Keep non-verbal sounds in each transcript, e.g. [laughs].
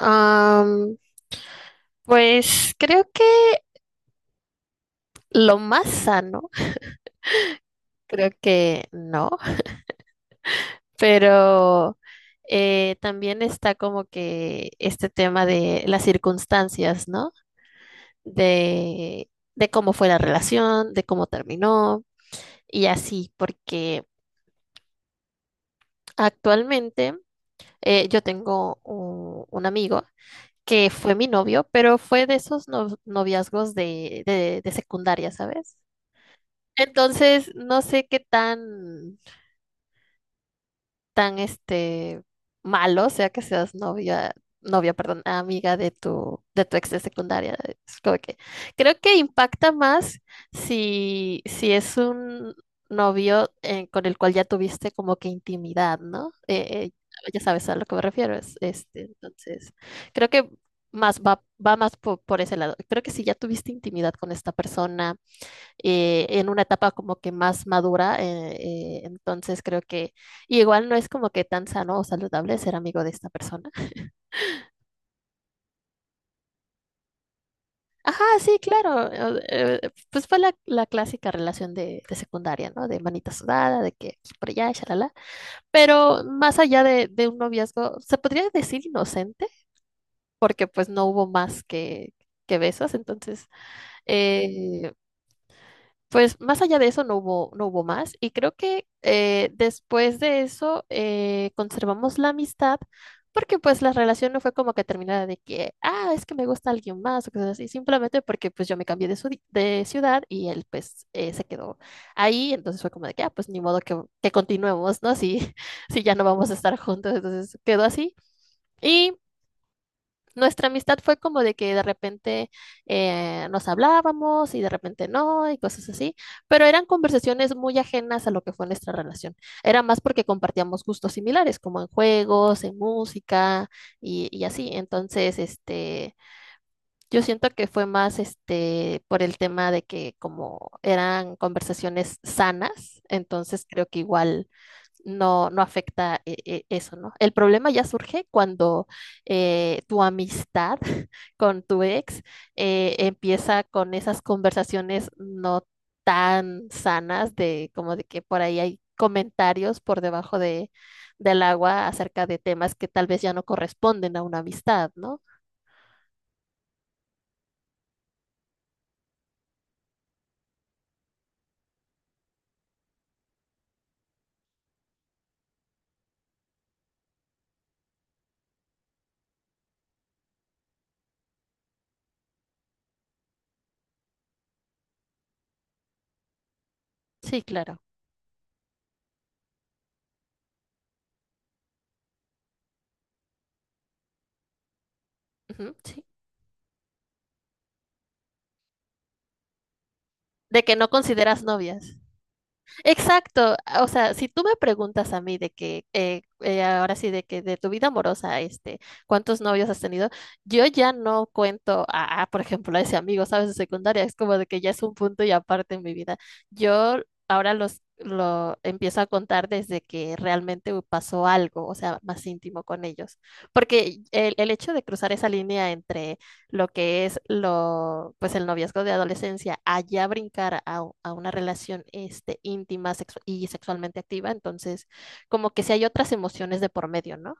Am, pues creo que lo más sano, creo que no, pero también está como que este tema de las circunstancias, ¿no? De cómo fue la relación, de cómo terminó y así, porque actualmente yo tengo un amigo que fue mi novio, pero fue de esos noviazgos de secundaria, ¿sabes? Entonces, no sé qué tan, tan este malo sea que seas novia, novia, perdón, amiga de tu ex de secundaria. Es como que, creo que impacta más si, si es un novio con el cual ya tuviste como que intimidad, ¿no? Ya sabes a lo que me refiero. Es, este, entonces, creo que más va, va más por ese lado. Creo que si ya tuviste intimidad con esta persona en una etapa como que más madura. Entonces creo que igual no es como que tan sano o saludable ser amigo de esta persona. [laughs] Ajá, sí, claro. Pues fue la, la clásica relación de secundaria, ¿no? De manita sudada, de que aquí por allá, shalala. Pero más allá de un noviazgo, se podría decir inocente, porque pues no hubo más que besos. Entonces, eh, pues más allá de eso no hubo, no hubo más y creo que después de eso conservamos la amistad porque pues la relación no fue como que terminara de que, ah, es que me gusta alguien más o cosas así, simplemente porque pues yo me cambié de, de ciudad y él pues se quedó ahí, entonces fue como de que, ah, pues ni modo que continuemos, ¿no? Si, [laughs] si ya no vamos a estar juntos, entonces quedó así. Y nuestra amistad fue como de que de repente nos hablábamos y de repente no y cosas así, pero eran conversaciones muy ajenas a lo que fue nuestra relación. Era más porque compartíamos gustos similares, como en juegos, en música y así. Entonces, este, yo siento que fue más este por el tema de que como eran conversaciones sanas, entonces creo que igual no, no afecta eso, ¿no? El problema ya surge cuando tu amistad [laughs] con tu ex empieza con esas conversaciones no tan sanas de como de que por ahí hay comentarios por debajo de, del agua acerca de temas que tal vez ya no corresponden a una amistad, ¿no? Sí, claro. Ujú, sí. De que no consideras novias. Exacto, o sea, si tú me preguntas a mí de que, ahora sí, de que de tu vida amorosa, este, ¿cuántos novios has tenido? Yo ya no cuento a, por ejemplo, a ese amigo, ¿sabes? De secundaria, es como de que ya es un punto y aparte en mi vida. Yo ahora los, lo empiezo a contar desde que realmente pasó algo, o sea, más íntimo con ellos, porque el hecho de cruzar esa línea entre lo que es lo, pues el noviazgo de adolescencia, allá brincar a una relación este, íntima y sexualmente activa, entonces como que si hay otras emociones de por medio, ¿no?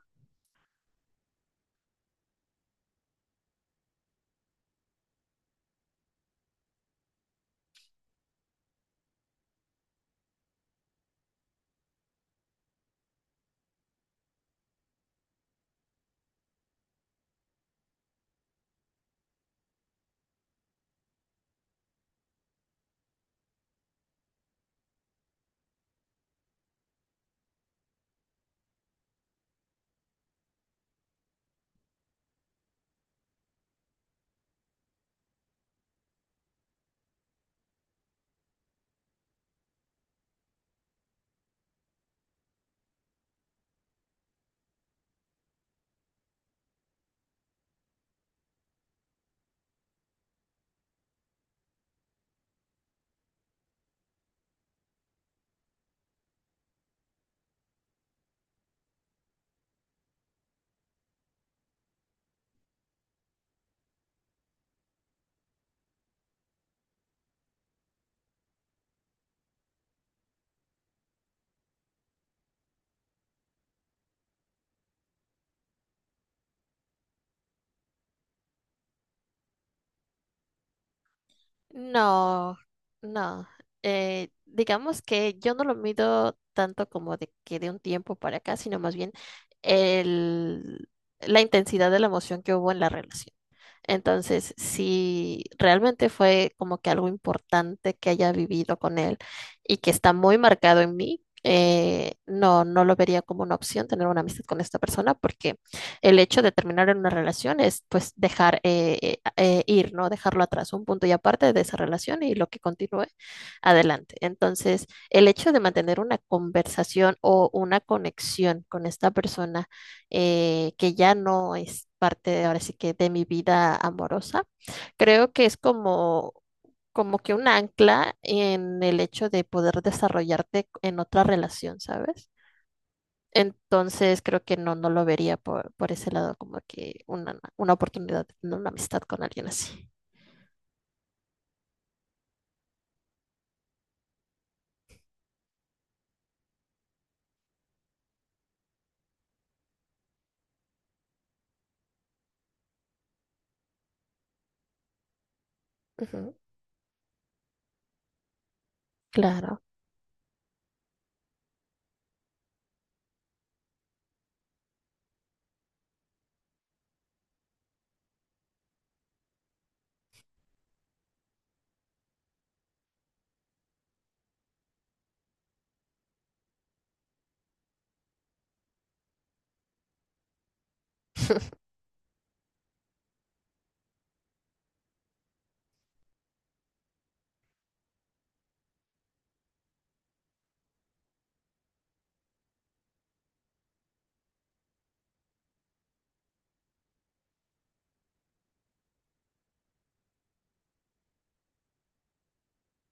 No, no. Digamos que yo no lo mido tanto como de que de un tiempo para acá, sino más bien el, la intensidad de la emoción que hubo en la relación. Entonces, si realmente fue como que algo importante que haya vivido con él y que está muy marcado en mí, no, no lo vería como una opción tener una amistad con esta persona porque el hecho de terminar en una relación es pues dejar ir, ¿no? Dejarlo atrás, un punto y aparte de esa relación y lo que continúe adelante. Entonces, el hecho de mantener una conversación o una conexión con esta persona que ya no es parte de ahora sí que de mi vida amorosa. Creo que es como, como que un ancla en el hecho de poder desarrollarte en otra relación, ¿sabes? Entonces creo que no, no lo vería por ese lado como que una oportunidad, no una amistad con alguien así. Ujú, claro. [laughs]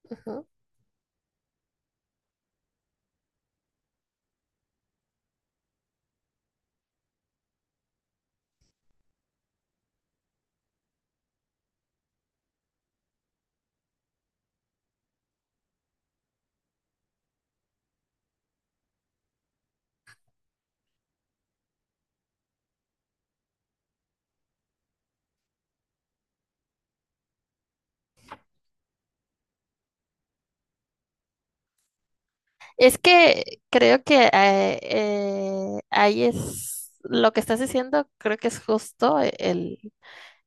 Ujú. Es que creo que ahí es lo que estás diciendo, creo que es justo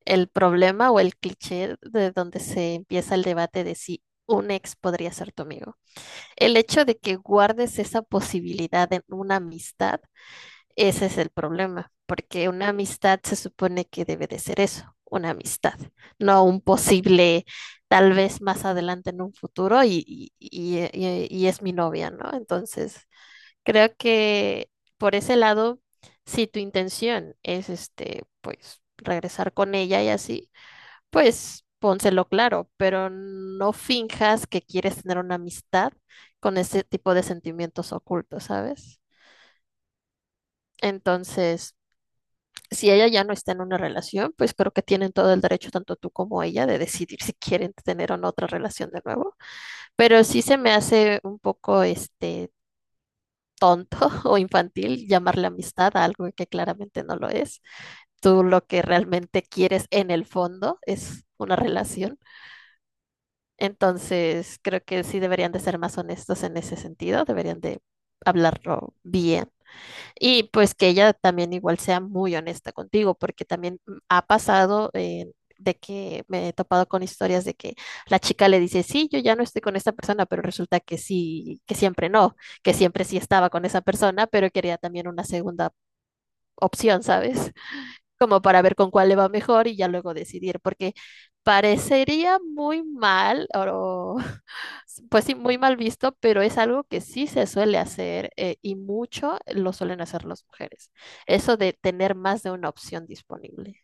el problema o el cliché de donde se empieza el debate de si un ex podría ser tu amigo. El hecho de que guardes esa posibilidad en una amistad, ese es el problema, porque una amistad se supone que debe de ser eso, una amistad, no un posible, tal vez más adelante en un futuro y es mi novia, ¿no? Entonces, creo que por ese lado, si tu intención es este, pues regresar con ella y así, pues pónselo claro, pero no finjas que quieres tener una amistad con ese tipo de sentimientos ocultos, ¿sabes? Entonces, si ella ya no está en una relación, pues creo que tienen todo el derecho, tanto tú como ella, de decidir si quieren tener o no otra relación de nuevo. Pero sí se me hace un poco este tonto [laughs] o infantil llamarle amistad a algo que claramente no lo es. Tú lo que realmente quieres en el fondo es una relación. Entonces, creo que sí deberían de ser más honestos en ese sentido, deberían de hablarlo bien. Y pues que ella también igual sea muy honesta contigo, porque también ha pasado de que me he topado con historias de que la chica le dice, sí, yo ya no estoy con esta persona, pero resulta que sí, que siempre no, que siempre sí estaba con esa persona, pero quería también una segunda opción, ¿sabes? Como para ver con cuál le va mejor y ya luego decidir, porque parecería muy mal o pues sí, muy mal visto, pero es algo que sí se suele hacer y mucho lo suelen hacer las mujeres. Eso de tener más de una opción disponible.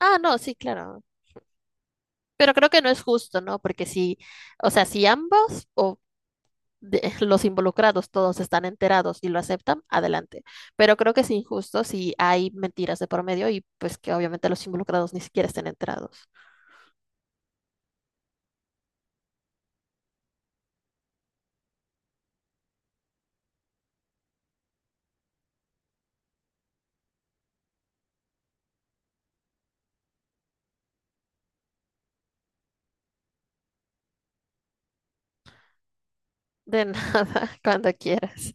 Ah, no, sí, claro. Pero creo que no es justo, ¿no? Porque si, o sea, si ambos o los involucrados todos están enterados y lo aceptan, adelante. Pero creo que es injusto si hay mentiras de por medio y pues que obviamente los involucrados ni siquiera estén enterados. De nada, [laughs] cuando quieras.